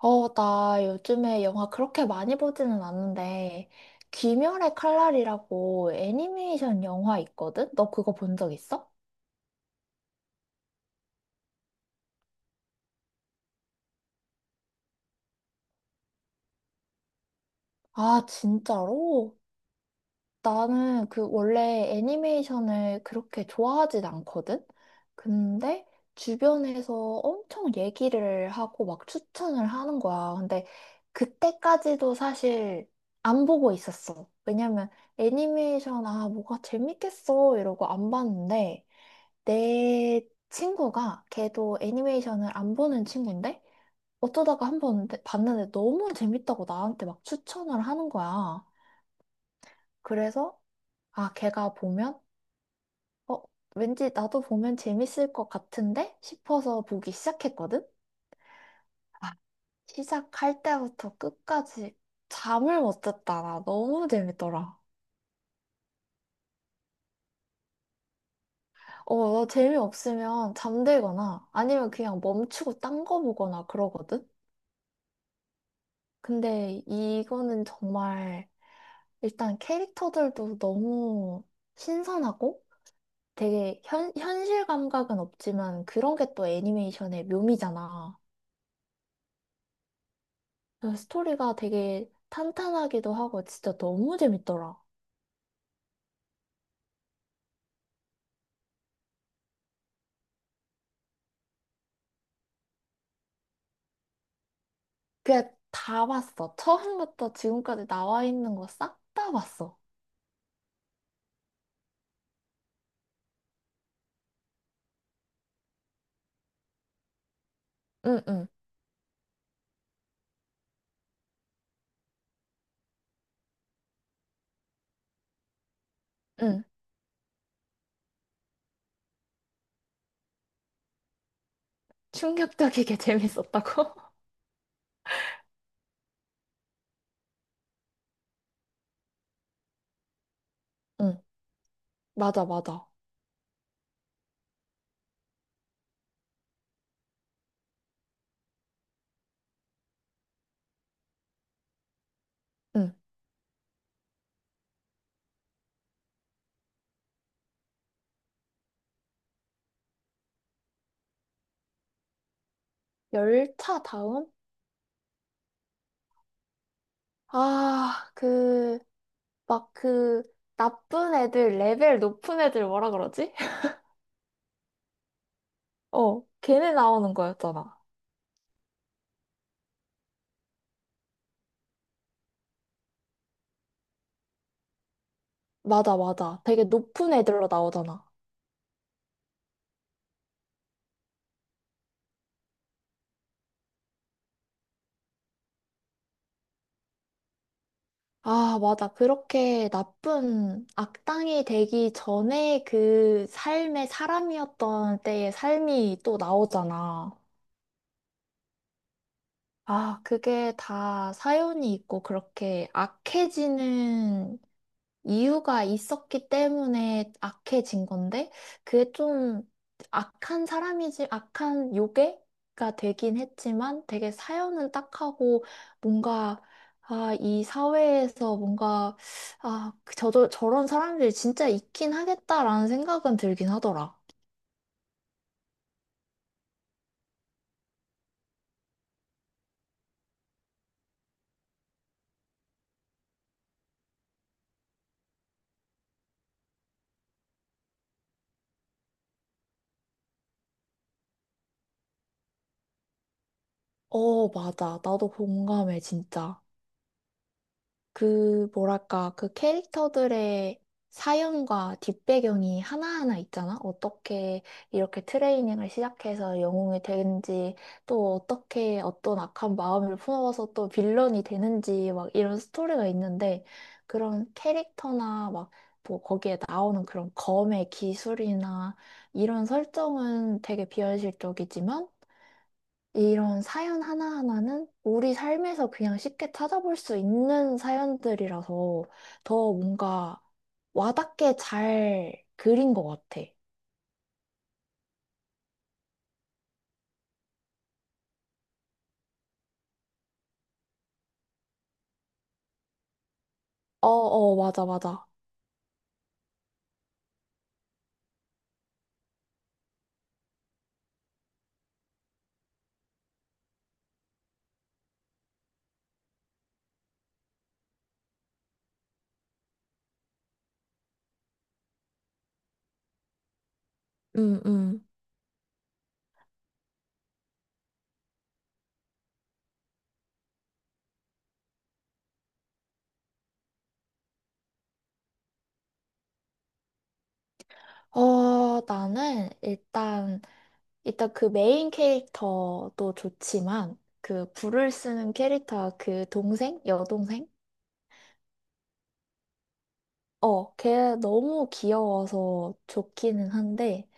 어, 나 요즘에 영화 그렇게 많이 보지는 않는데, 귀멸의 칼날이라고 애니메이션 영화 있거든? 너 그거 본 적 있어? 아, 진짜로? 나는 그 원래 애니메이션을 그렇게 좋아하진 않거든? 근데 주변에서 엄청 얘기를 하고 막 추천을 하는 거야. 근데 그때까지도 사실 안 보고 있었어. 왜냐면 애니메이션, 아, 뭐가 재밌겠어. 이러고 안 봤는데 내 친구가 걔도 애니메이션을 안 보는 친구인데 어쩌다가 한 번 봤는데 너무 재밌다고 나한테 막 추천을 하는 거야. 그래서 아, 걔가 보면, 어, 왠지 나도 보면 재밌을 것 같은데? 싶어서 보기 시작했거든? 아, 시작할 때부터 끝까지 잠을 못 잤다. 나 너무 재밌더라. 어, 나 재미없으면 잠들거나 아니면 그냥 멈추고 딴 거 보거나 그러거든? 근데 이거는 정말 일단 캐릭터들도 너무 신선하고 되게 현실 감각은 없지만 그런 게 또 애니메이션의 묘미잖아. 그 스토리가 되게 탄탄하기도 하고 진짜 너무 재밌더라. 그냥 다 봤어. 처음부터 지금까지 나와 있는 거 싹 다 봤어. 응, 응. 충격적이게 재밌었다고? 응, 맞아. 응. 열차 다음? 아, 그, 막 그, 나쁜 애들, 레벨 높은 애들 뭐라 그러지? 어, 걔네 나오는 거였잖아. 맞아. 되게 높은 애들로 나오잖아. 아, 맞아. 그렇게 나쁜 악당이 되기 전에 그 삶의 사람이었던 때의 삶이 또 나오잖아. 아, 그게 다 사연이 있고 그렇게 악해지는 이유가 있었기 때문에 악해진 건데, 그게 좀 악한 사람이지, 악한 요괴가 되긴 했지만, 되게 사연은 딱하고, 뭔가, 아, 이 사회에서 뭔가, 아, 저런 사람들이 진짜 있긴 하겠다라는 생각은 들긴 하더라. 어, 맞아. 나도 공감해, 진짜. 그, 뭐랄까, 그 캐릭터들의 사연과 뒷배경이 하나하나 있잖아? 어떻게 이렇게 트레이닝을 시작해서 영웅이 되는지, 또 어떻게 어떤 악한 마음을 품어서 또 빌런이 되는지, 막 이런 스토리가 있는데, 그런 캐릭터나 막, 뭐 거기에 나오는 그런 검의 기술이나 이런 설정은 되게 비현실적이지만, 이런 사연 하나하나는 우리 삶에서 그냥 쉽게 찾아볼 수 있는 사연들이라서 더 뭔가 와닿게 잘 그린 것 같아. 어, 맞아, 맞아. 응, 응. 어, 나는 일단, 일단 그 메인 캐릭터도 좋지만, 그 불을 쓰는 캐릭터 그 동생? 여동생? 어, 걔 너무 귀여워서 좋기는 한데,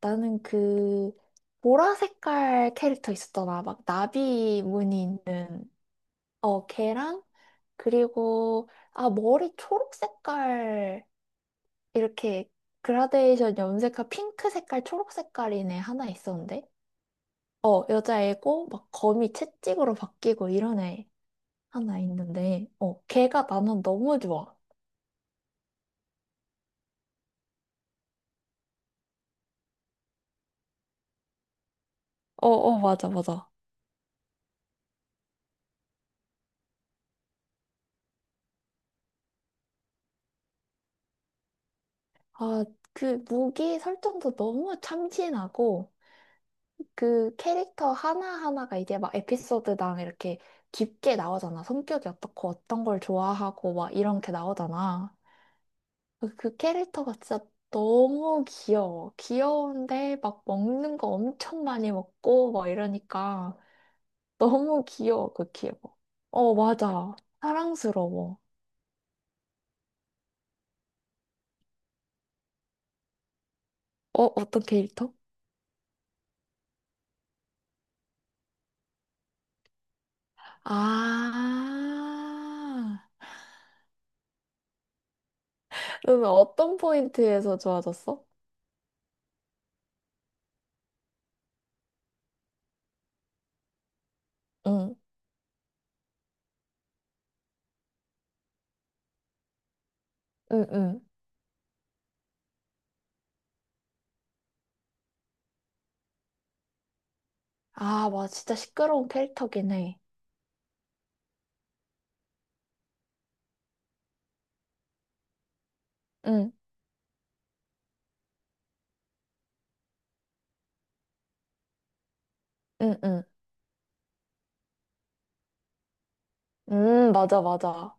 나는 그 보라 색깔 캐릭터 있었잖아. 막 나비 무늬 있는 어 걔랑 그리고 아 머리 초록 색깔 이렇게 그라데이션 염색한 핑크 색깔 초록 색깔인 애 하나 있었는데 어 여자애고 막 검이 채찍으로 바뀌고 이런 애 하나 있는데 어 걔가 나는 너무 좋아. 어 맞아 맞아. 아 그 무기 설정도 너무 참신하고 그 캐릭터 하나하나가 이제 막 에피소드당 이렇게 깊게 나오잖아. 성격이 어떻고 어떤 걸 좋아하고 막 이렇게 나오잖아. 그 캐릭터가 진짜 너무 귀여워. 귀여운데 막 먹는 거 엄청 많이 먹고 막 이러니까 너무 귀여워, 그 귀여워. 어, 맞아. 사랑스러워. 어, 어떤 캐릭터? 아, 너는 어떤 포인트에서 좋아졌어? 응, 응. 아, 맞아. 진짜 시끄러운 캐릭터긴 해. 응, 응. 맞아.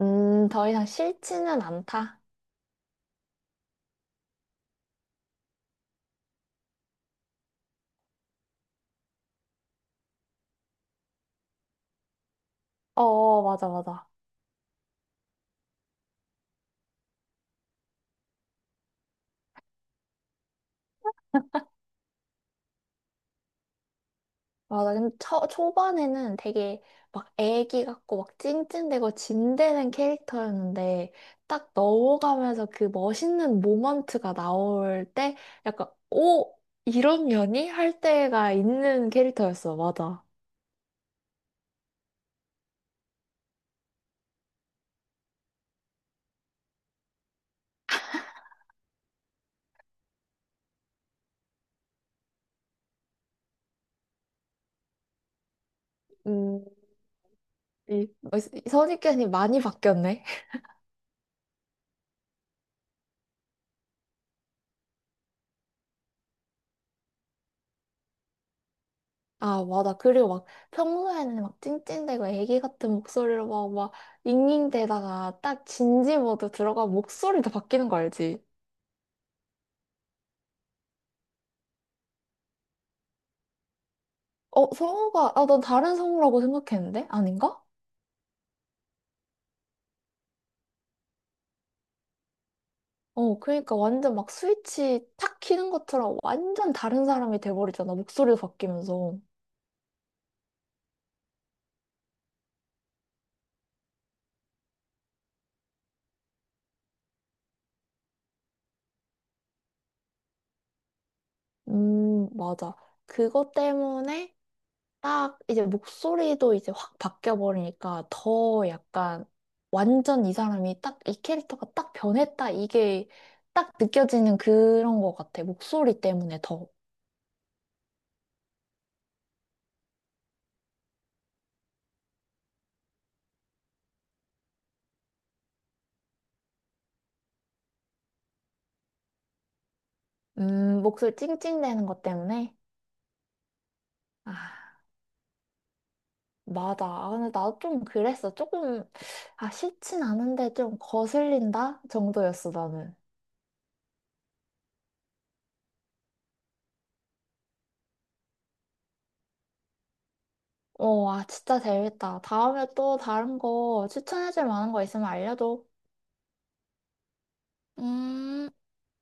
더 이상 싫지는 않다. 어, 맞아. 맞아. 근데 초반에는 되게 막 애기 같고 막 찡찡대고 진대는 캐릭터였는데 딱 넘어가면서 그 멋있는 모먼트가 나올 때 약간, 오! 이런 년이? 할 때가 있는 캐릭터였어. 맞아. 음, 이 어, 선입견이 많이 바뀌었네. 아, 맞아. 그리고 막 평소에는 막 찡찡대고 애기 같은 목소리로 막 잉잉대다가 딱 진지 모드 들어가 목소리도 바뀌는 거 알지? 어, 난 다른 성우라고 생각했는데? 아닌가? 어, 그러니까 완전 막 스위치 탁 키는 것처럼 완전 다른 사람이 돼버리잖아. 목소리도 바뀌면서. 맞아. 그것 때문에 딱 이제 목소리도 이제 확 바뀌어 버리니까 더 약간 완전 이 사람이 딱 이 캐릭터가 딱 변했다 이게 딱 느껴지는 그런 것 같아. 목소리 때문에 더. 목소리 찡찡대는 것 때문에. 아, 맞아. 아, 근데 나도 좀 그랬어. 조금, 아, 싫진 않은데 좀 거슬린다 정도였어, 나는. 어, 아, 진짜 재밌다. 다음에 또 다른 거 추천해줄 만한 거 있으면 알려줘. 음.